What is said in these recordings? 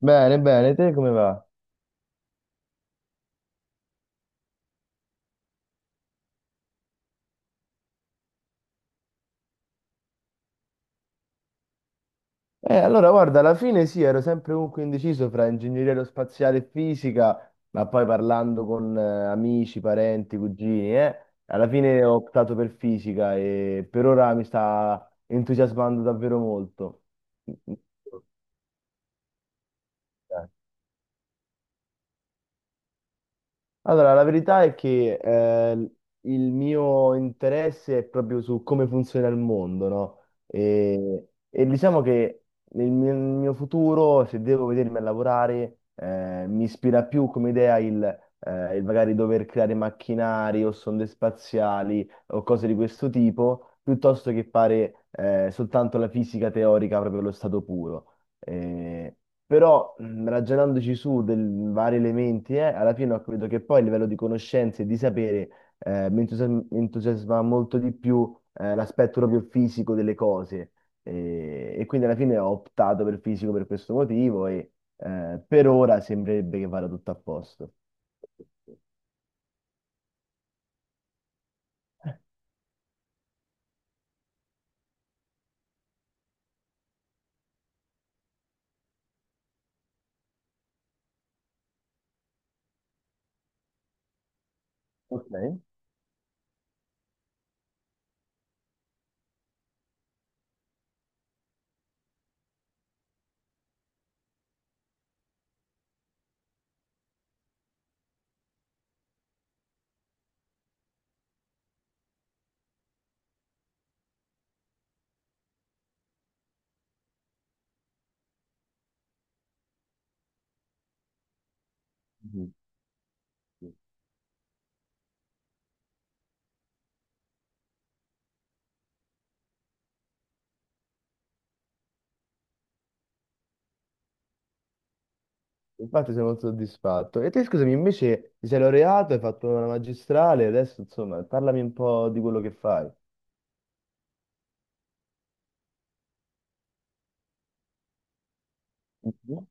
Bene, bene, te come va? Allora, guarda, alla fine sì, ero sempre comunque indeciso fra ingegneria aerospaziale e fisica, ma poi parlando con amici, parenti, cugini, alla fine ho optato per fisica e per ora mi sta entusiasmando davvero molto. Allora, la verità è che il mio interesse è proprio su come funziona il mondo, no? E diciamo che nel mio futuro, se devo vedermi a lavorare, mi ispira più come idea il magari dover creare macchinari o sonde spaziali o cose di questo tipo, piuttosto che fare soltanto la fisica teorica proprio allo stato puro. Eh, però ragionandoci su dei vari elementi, alla fine ho capito che poi il livello di conoscenze e di sapere mi entusiasma molto di più l'aspetto proprio fisico delle cose. E quindi alla fine ho optato per il fisico per questo motivo e per ora sembrerebbe che vada tutto a posto. Ok. Mhm. Infatti sono molto soddisfatto. E te, scusami, invece ti sei laureato, hai fatto una magistrale, adesso insomma, parlami un po' di quello che fai. Mhm.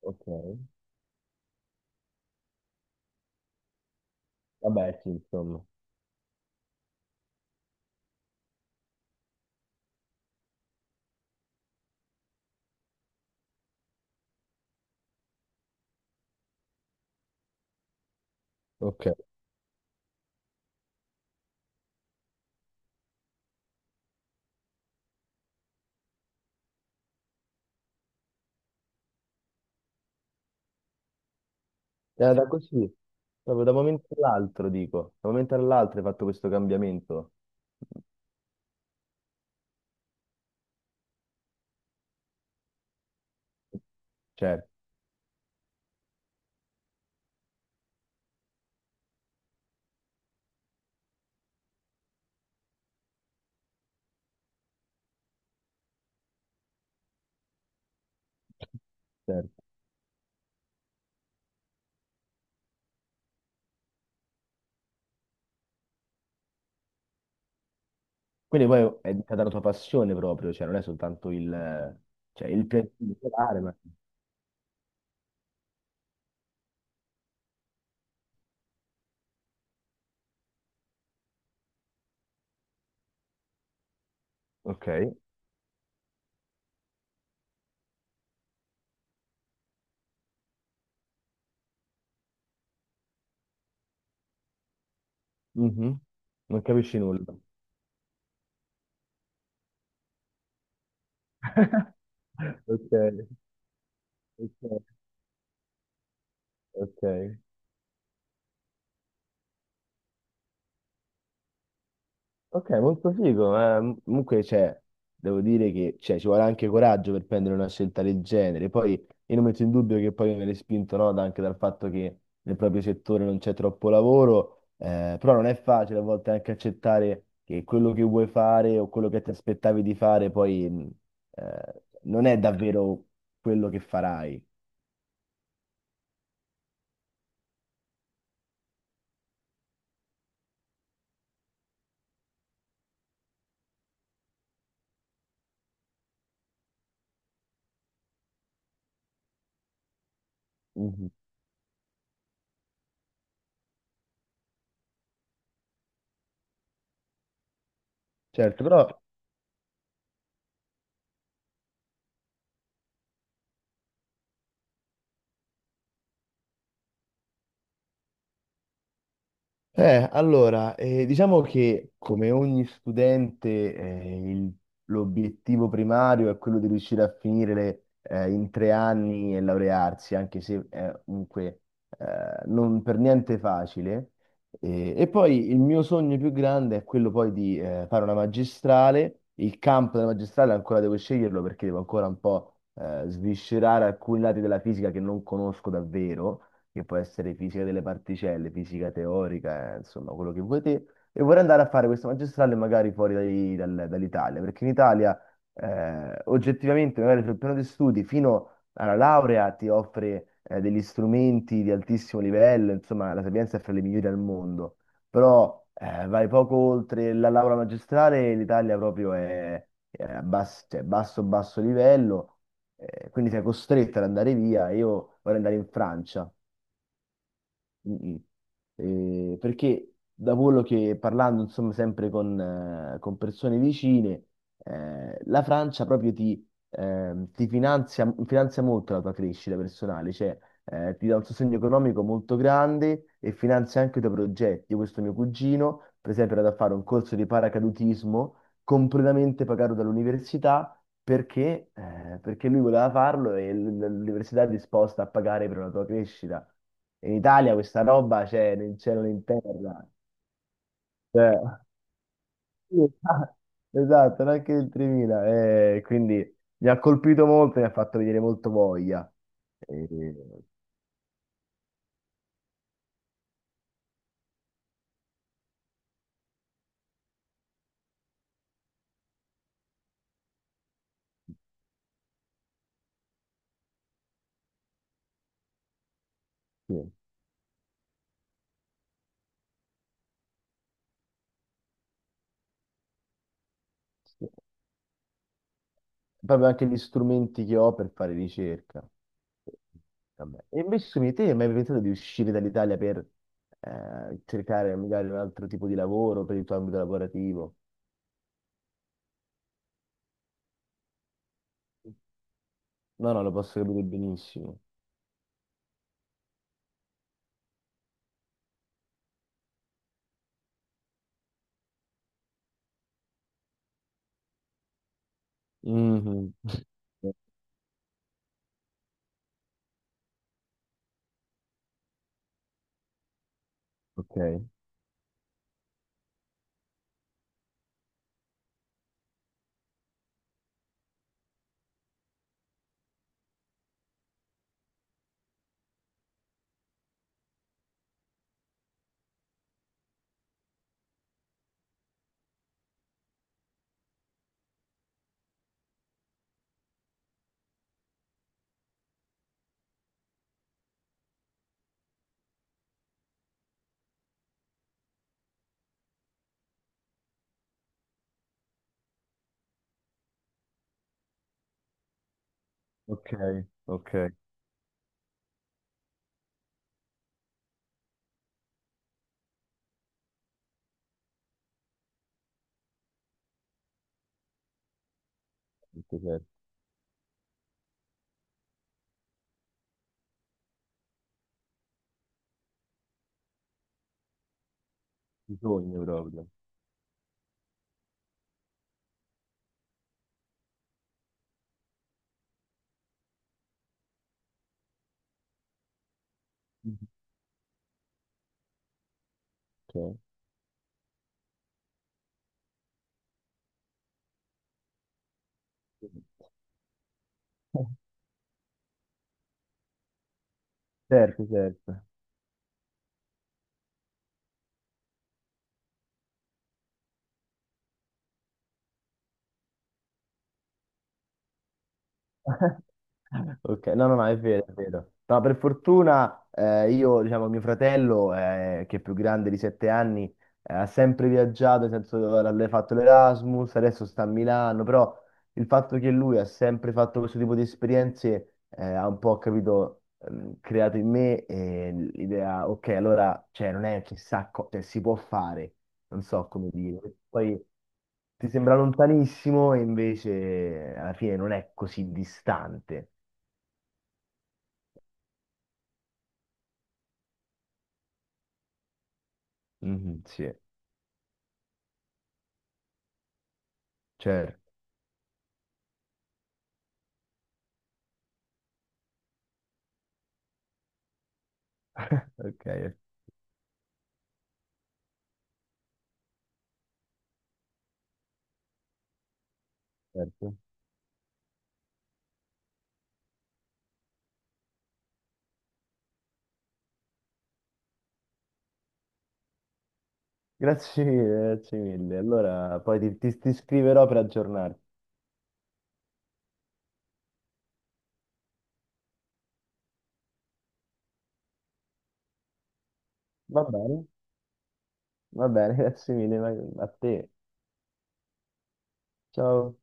Ok. Vabbè, sì, insomma. Ok. Era da così, proprio da un momento all'altro, dico. Da un momento all'altro hai fatto questo cambiamento. Certo, certo. Quindi poi è diventata la tua passione proprio, cioè non è soltanto il, cioè, il piacere di suonare, ma. Ok. Mhm. Non capisci nulla. Ok, ok, ok. Ok, molto figo, ma comunque cioè, devo dire che cioè, ci vuole anche coraggio per prendere una scelta del genere. Poi io non metto in dubbio che poi viene spinto no, anche dal fatto che nel proprio settore non c'è troppo lavoro, però non è facile a volte anche accettare che quello che vuoi fare o quello che ti aspettavi di fare poi non è davvero quello che farai. Mhm. Certo, però. Allora, diciamo che come ogni studente, l'obiettivo primario è quello di riuscire a finire in 3 anni e laurearsi, anche se è comunque non per niente facile. E poi il mio sogno più grande è quello poi di fare una magistrale. Il campo della magistrale ancora devo sceglierlo perché devo ancora un po' sviscerare alcuni lati della fisica che non conosco davvero, che può essere fisica delle particelle, fisica teorica, insomma, quello che vuoi te. E vorrei andare a fare questo magistrale magari fuori dall'Italia, perché in Italia oggettivamente magari sul piano di studi fino alla laurea ti offre degli strumenti di altissimo livello, insomma, la Sapienza è fra le migliori al mondo, però vai poco oltre la laurea magistrale, l'Italia proprio è a cioè, basso, basso livello, quindi sei costretta ad andare via. Io vorrei andare in Francia. Mm, mm. Perché da quello che parlando, insomma, sempre con persone vicine, la Francia proprio ti finanzia, finanzia molto la tua crescita personale, cioè ti dà un sostegno economico molto grande e finanzia anche i tuoi progetti. Io, questo mio cugino, per esempio, era da fare un corso di paracadutismo completamente pagato dall'università, perché lui voleva farlo e l'università è disposta a pagare per la tua crescita. In Italia questa roba c'è nel cielo né in terra. Cioè, sì, esatto, esatto, neanche il 3.000. Quindi mi ha colpito molto e mi ha fatto venire molto voglia. E- sì, sì. Proprio anche gli strumenti che ho per fare ricerca. Vabbè. E invece su di te, hai mai pensato di uscire dall'Italia per cercare magari un altro tipo di lavoro per il tuo ambito lavorativo? No, no, lo posso capire benissimo. Mhm. Ok, ok, ok, certo, certo. Bisogna proprio. Mhm. Ok. Certo, certo. Ok, no, no, no, è vero, è vero. No, per fortuna io, diciamo, mio fratello, che è più grande di 7 anni, ha sempre viaggiato, nel senso allora, ha fatto l'Erasmus, adesso sta a Milano, però il fatto che lui ha sempre fatto questo tipo di esperienze ha un po', capito, creato in me l'idea, ok, allora, cioè, non è chissà cosa, cioè, si può fare, non so come dire. Poi ti sembra lontanissimo e invece alla fine non è così distante. Mhm, sì, certo. Ok, certo. Grazie mille, grazie mille. Allora, poi ti scriverò per aggiornarti. Va bene, va bene, grazie mille, a te. Ciao.